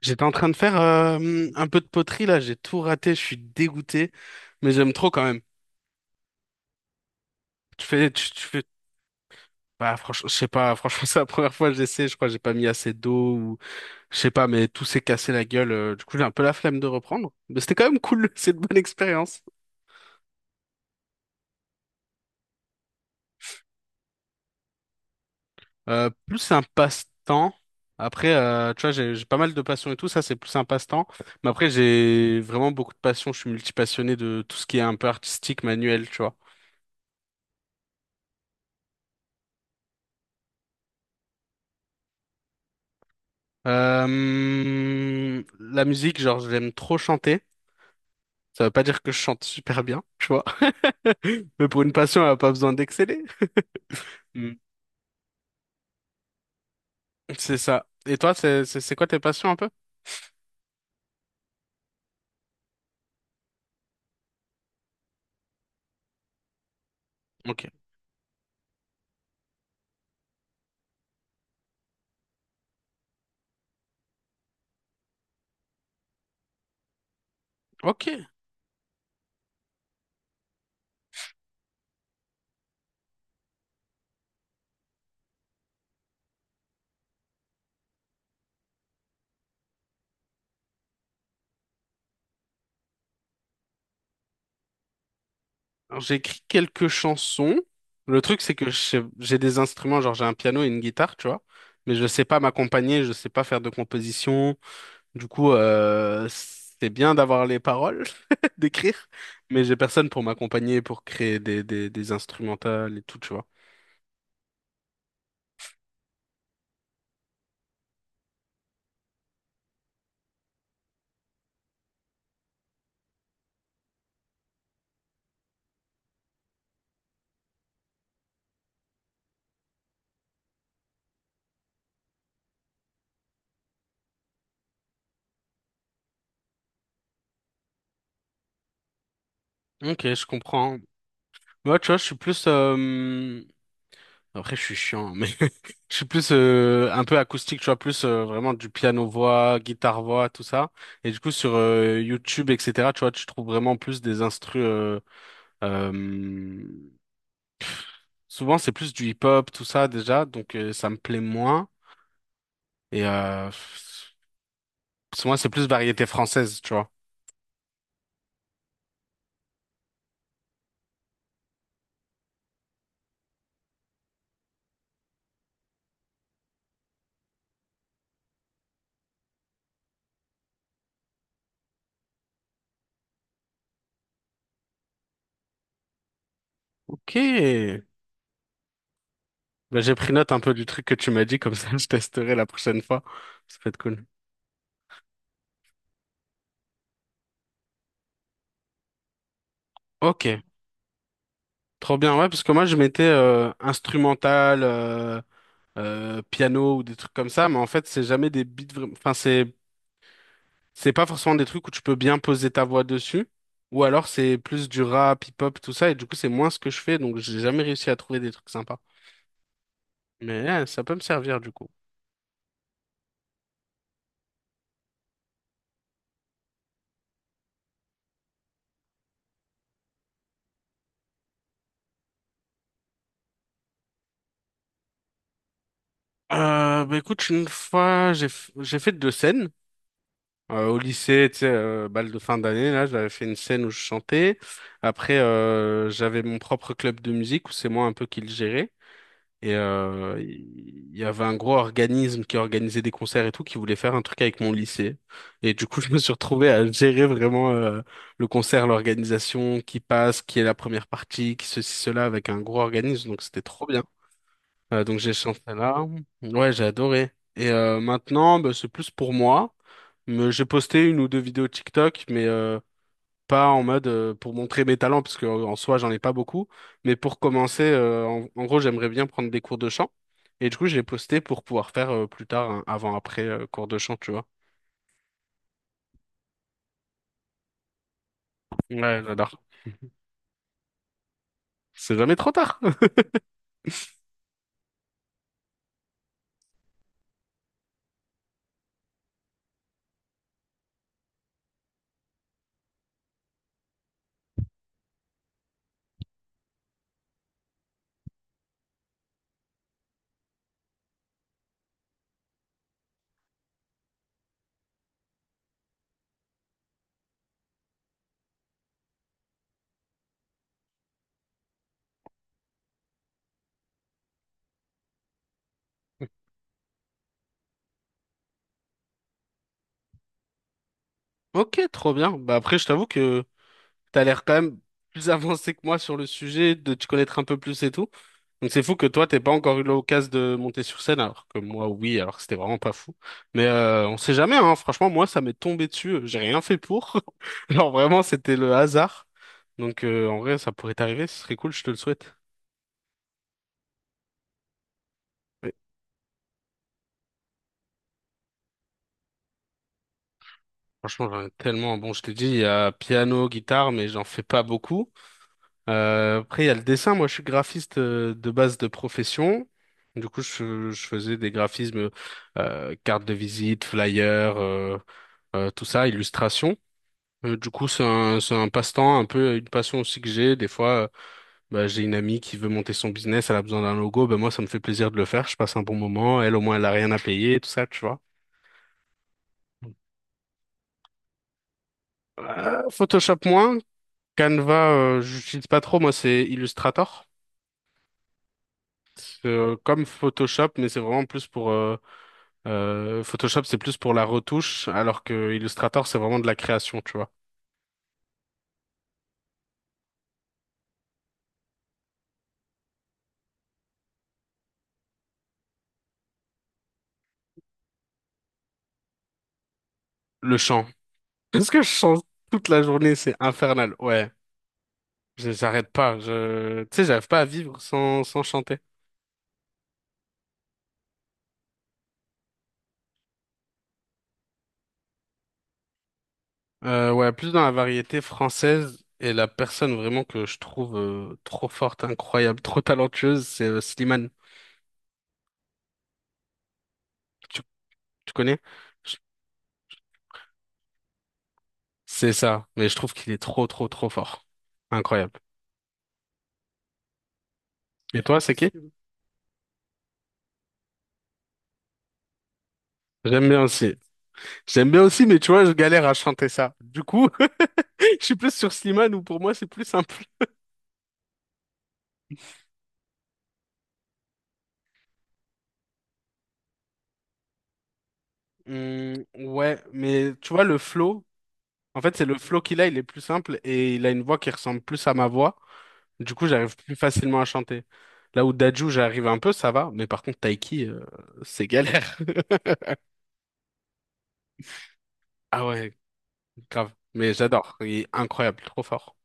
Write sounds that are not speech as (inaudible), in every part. J'étais en train de faire un peu de poterie là, j'ai tout raté, je suis dégoûté, mais j'aime trop quand même. Tu fais, tu fais, bah franchement, je sais pas, franchement (laughs) c'est la première fois que j'essaie, je crois que j'ai pas mis assez d'eau ou je sais pas, mais tout s'est cassé la gueule. Du coup j'ai un peu la flemme de reprendre, mais c'était quand même cool, (laughs) c'est une bonne expérience. Plus un passe-temps. Après, tu vois, j'ai pas mal de passions et tout, ça c'est plus un passe-temps. Mais après j'ai vraiment beaucoup de passions, je suis multipassionné de tout ce qui est un peu artistique, manuel, tu vois. La musique, genre, j'aime trop chanter. Ça veut pas dire que je chante super bien, tu vois. (laughs) Mais pour une passion, elle a pas besoin d'exceller. Mm. C'est ça. Et toi, c'est c'est quoi tes passions un peu? Ok. Ok. Alors, j'ai écrit quelques chansons. Le truc, c'est que j'ai des instruments, genre j'ai un piano et une guitare, tu vois. Mais je sais pas m'accompagner, je sais pas faire de composition. Du coup, c'est bien d'avoir les paroles, (laughs) d'écrire, mais j'ai personne pour m'accompagner, pour créer des instrumentales et tout, tu vois. Ok, je comprends. Moi, tu vois, je suis plus... Après, je suis chiant, hein, mais (laughs) je suis plus un peu acoustique, tu vois, plus vraiment du piano-voix, guitare-voix, tout ça. Et du coup, sur YouTube, etc., tu vois, tu trouves vraiment plus des instrus... euh, Souvent, c'est plus du hip-hop, tout ça, déjà, donc ça me plaît moins. Et... Parce que moi, c'est plus variété française, tu vois. Ok. Ben j'ai pris note un peu du truc que tu m'as dit, comme ça (laughs) je testerai la prochaine fois. Ça peut être cool. Ok. Trop bien, ouais, parce que moi je mettais instrumental, piano ou des trucs comme ça, mais en fait c'est jamais des beats, enfin c'est pas forcément des trucs où tu peux bien poser ta voix dessus, ou alors c'est plus du rap, hip-hop, tout ça, et du coup c'est moins ce que je fais, donc j'ai jamais réussi à trouver des trucs sympas. Mais ça peut me servir du coup. Bah écoute, une fois j'ai fait deux scènes. Au lycée, tu sais, bal de fin d'année, là, j'avais fait une scène où je chantais. Après, j'avais mon propre club de musique où c'est moi un peu qui le gérais. Et il y avait un gros organisme qui organisait des concerts et tout, qui voulait faire un truc avec mon lycée. Et du coup, (laughs) je me suis retrouvé à gérer vraiment le concert, l'organisation, qui passe, qui est la première partie, qui ceci, cela, avec un gros organisme. Donc, c'était trop bien. Donc, j'ai chanté là. Ouais, j'ai adoré. Et maintenant, bah, c'est plus pour moi. Mais j'ai posté une ou deux vidéos TikTok, mais pas en mode pour montrer mes talents, parce que en soi, j'en ai pas beaucoup. Mais pour commencer, en, en gros, j'aimerais bien prendre des cours de chant. Et du coup, je l'ai posté pour pouvoir faire plus tard un avant-après cours de chant, tu vois. Ouais, j'adore. C'est jamais trop tard. (laughs) Ok, trop bien. Bah après, je t'avoue que t'as l'air quand même plus (laughs) avancé que moi sur le sujet, de te connaître un peu plus et tout. Donc c'est fou que toi, t'aies pas encore eu l'occasion de monter sur scène, alors que moi, oui, alors que c'était vraiment pas fou. Mais on sait jamais, hein. Franchement, moi, ça m'est tombé dessus. J'ai rien fait pour. (laughs) Genre vraiment, c'était le hasard. Donc en vrai, ça pourrait t'arriver, ce serait cool, je te le souhaite. Mais franchement, j'en ai tellement. Bon, je t'ai dit, il y a piano, guitare, mais j'en fais pas beaucoup. Après, il y a le dessin. Moi, je suis graphiste de base de profession. Du coup, je faisais des graphismes, cartes de visite, flyers, tout ça, illustrations. Du coup, c'est c'est un passe-temps, un peu une passion aussi que j'ai. Des fois, bah, j'ai une amie qui veut monter son business, elle a besoin d'un logo. Ben moi, ça me fait plaisir de le faire. Je passe un bon moment. Elle, au moins, elle a rien à payer, tout ça, tu vois. Photoshop moins. Canva, j'utilise pas trop. Moi, c'est Illustrator. C'est, comme Photoshop, mais c'est vraiment plus pour Photoshop, c'est plus pour la retouche, alors que Illustrator, c'est vraiment de la création, tu vois. Le chant. Est-ce que je chante toute la journée? C'est infernal. Ouais, j'arrête pas. Je... Tu sais, j'arrive pas à vivre sans, sans chanter. Ouais, plus dans la variété française. Et la personne vraiment que je trouve trop forte, incroyable, trop talentueuse, c'est Slimane. Tu, tu connais? Je- C'est ça, mais je trouve qu'il est trop, trop, trop fort. Incroyable. Et toi, c'est qui? J'aime bien aussi. J'aime bien aussi, mais tu vois, je galère à chanter ça. Du coup, (laughs) je suis plus sur Slimane où pour moi, c'est plus simple. Hmm, ouais, mais tu vois, le flow, en fait, c'est le flow qu'il a, il est plus simple et il a une voix qui ressemble plus à ma voix. Du coup, j'arrive plus facilement à chanter. Là où Dadju, j'arrive un peu, ça va, mais par contre, Taiki, c'est galère. (laughs) Ah ouais, grave. Mais j'adore, il est incroyable, trop fort.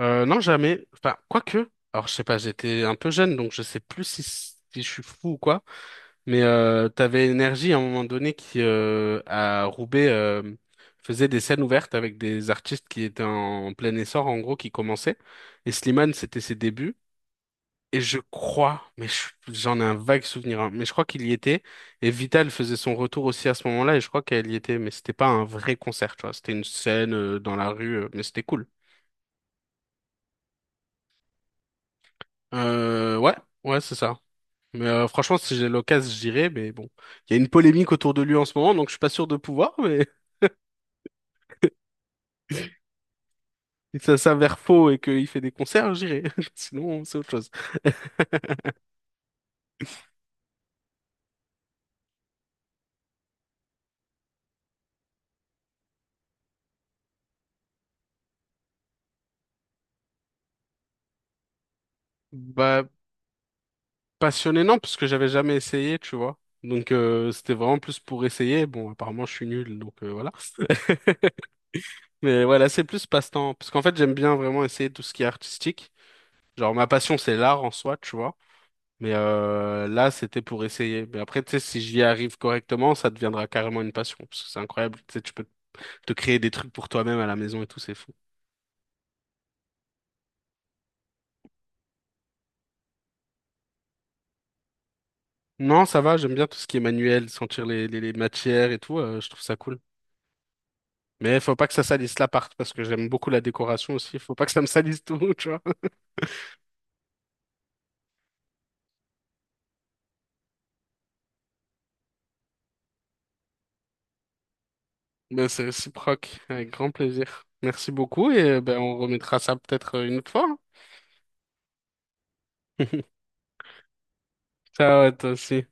Non, jamais. Enfin, quoique. Alors, je sais pas, j'étais un peu jeune, donc je sais plus si, si je suis fou ou quoi. Mais t'avais Énergie à un moment donné qui, à Roubaix, faisait des scènes ouvertes avec des artistes qui étaient en plein essor, en gros, qui commençaient. Et Slimane, c'était ses débuts. Et je crois, mais j'en ai un vague souvenir, hein, mais je crois qu'il y était. Et Vital faisait son retour aussi à ce moment-là, et je crois qu'elle y était. Mais c'était pas un vrai concert, tu vois. C'était une scène dans la rue, mais c'était cool. Euh, ouais, ouais, c'est ça. Mais franchement, si j'ai l'occasion, j'irai mais bon, il y a une polémique autour de lui en ce moment, donc je suis pas sûr de pouvoir, mais (laughs) si ça s'avère faux et qu'il fait des concerts, j'irai. (laughs) Sinon, c'est autre chose. (laughs) Bah, passionné, non, parce que j'avais jamais essayé, tu vois. Donc, c'était vraiment plus pour essayer. Bon, apparemment, je suis nul, donc voilà. (laughs) Mais voilà, c'est plus passe-temps. Parce qu'en fait, j'aime bien vraiment essayer tout ce qui est artistique. Genre, ma passion, c'est l'art en soi, tu vois. Mais là, c'était pour essayer. Mais après, tu sais, si j'y arrive correctement, ça deviendra carrément une passion. Parce que c'est incroyable. Tu sais, tu peux te créer des trucs pour toi-même à la maison et tout, c'est fou. Non, ça va, j'aime bien tout ce qui est manuel, sentir les matières et tout, je trouve ça cool. Mais faut pas que ça salisse l'appart, parce que j'aime beaucoup la décoration aussi. Faut pas que ça me salisse tout, (laughs) tu vois. Mais c'est réciproque, avec grand plaisir. Merci beaucoup et ben, on remettra ça peut-être une autre fois. (laughs) Ciao à toi aussi.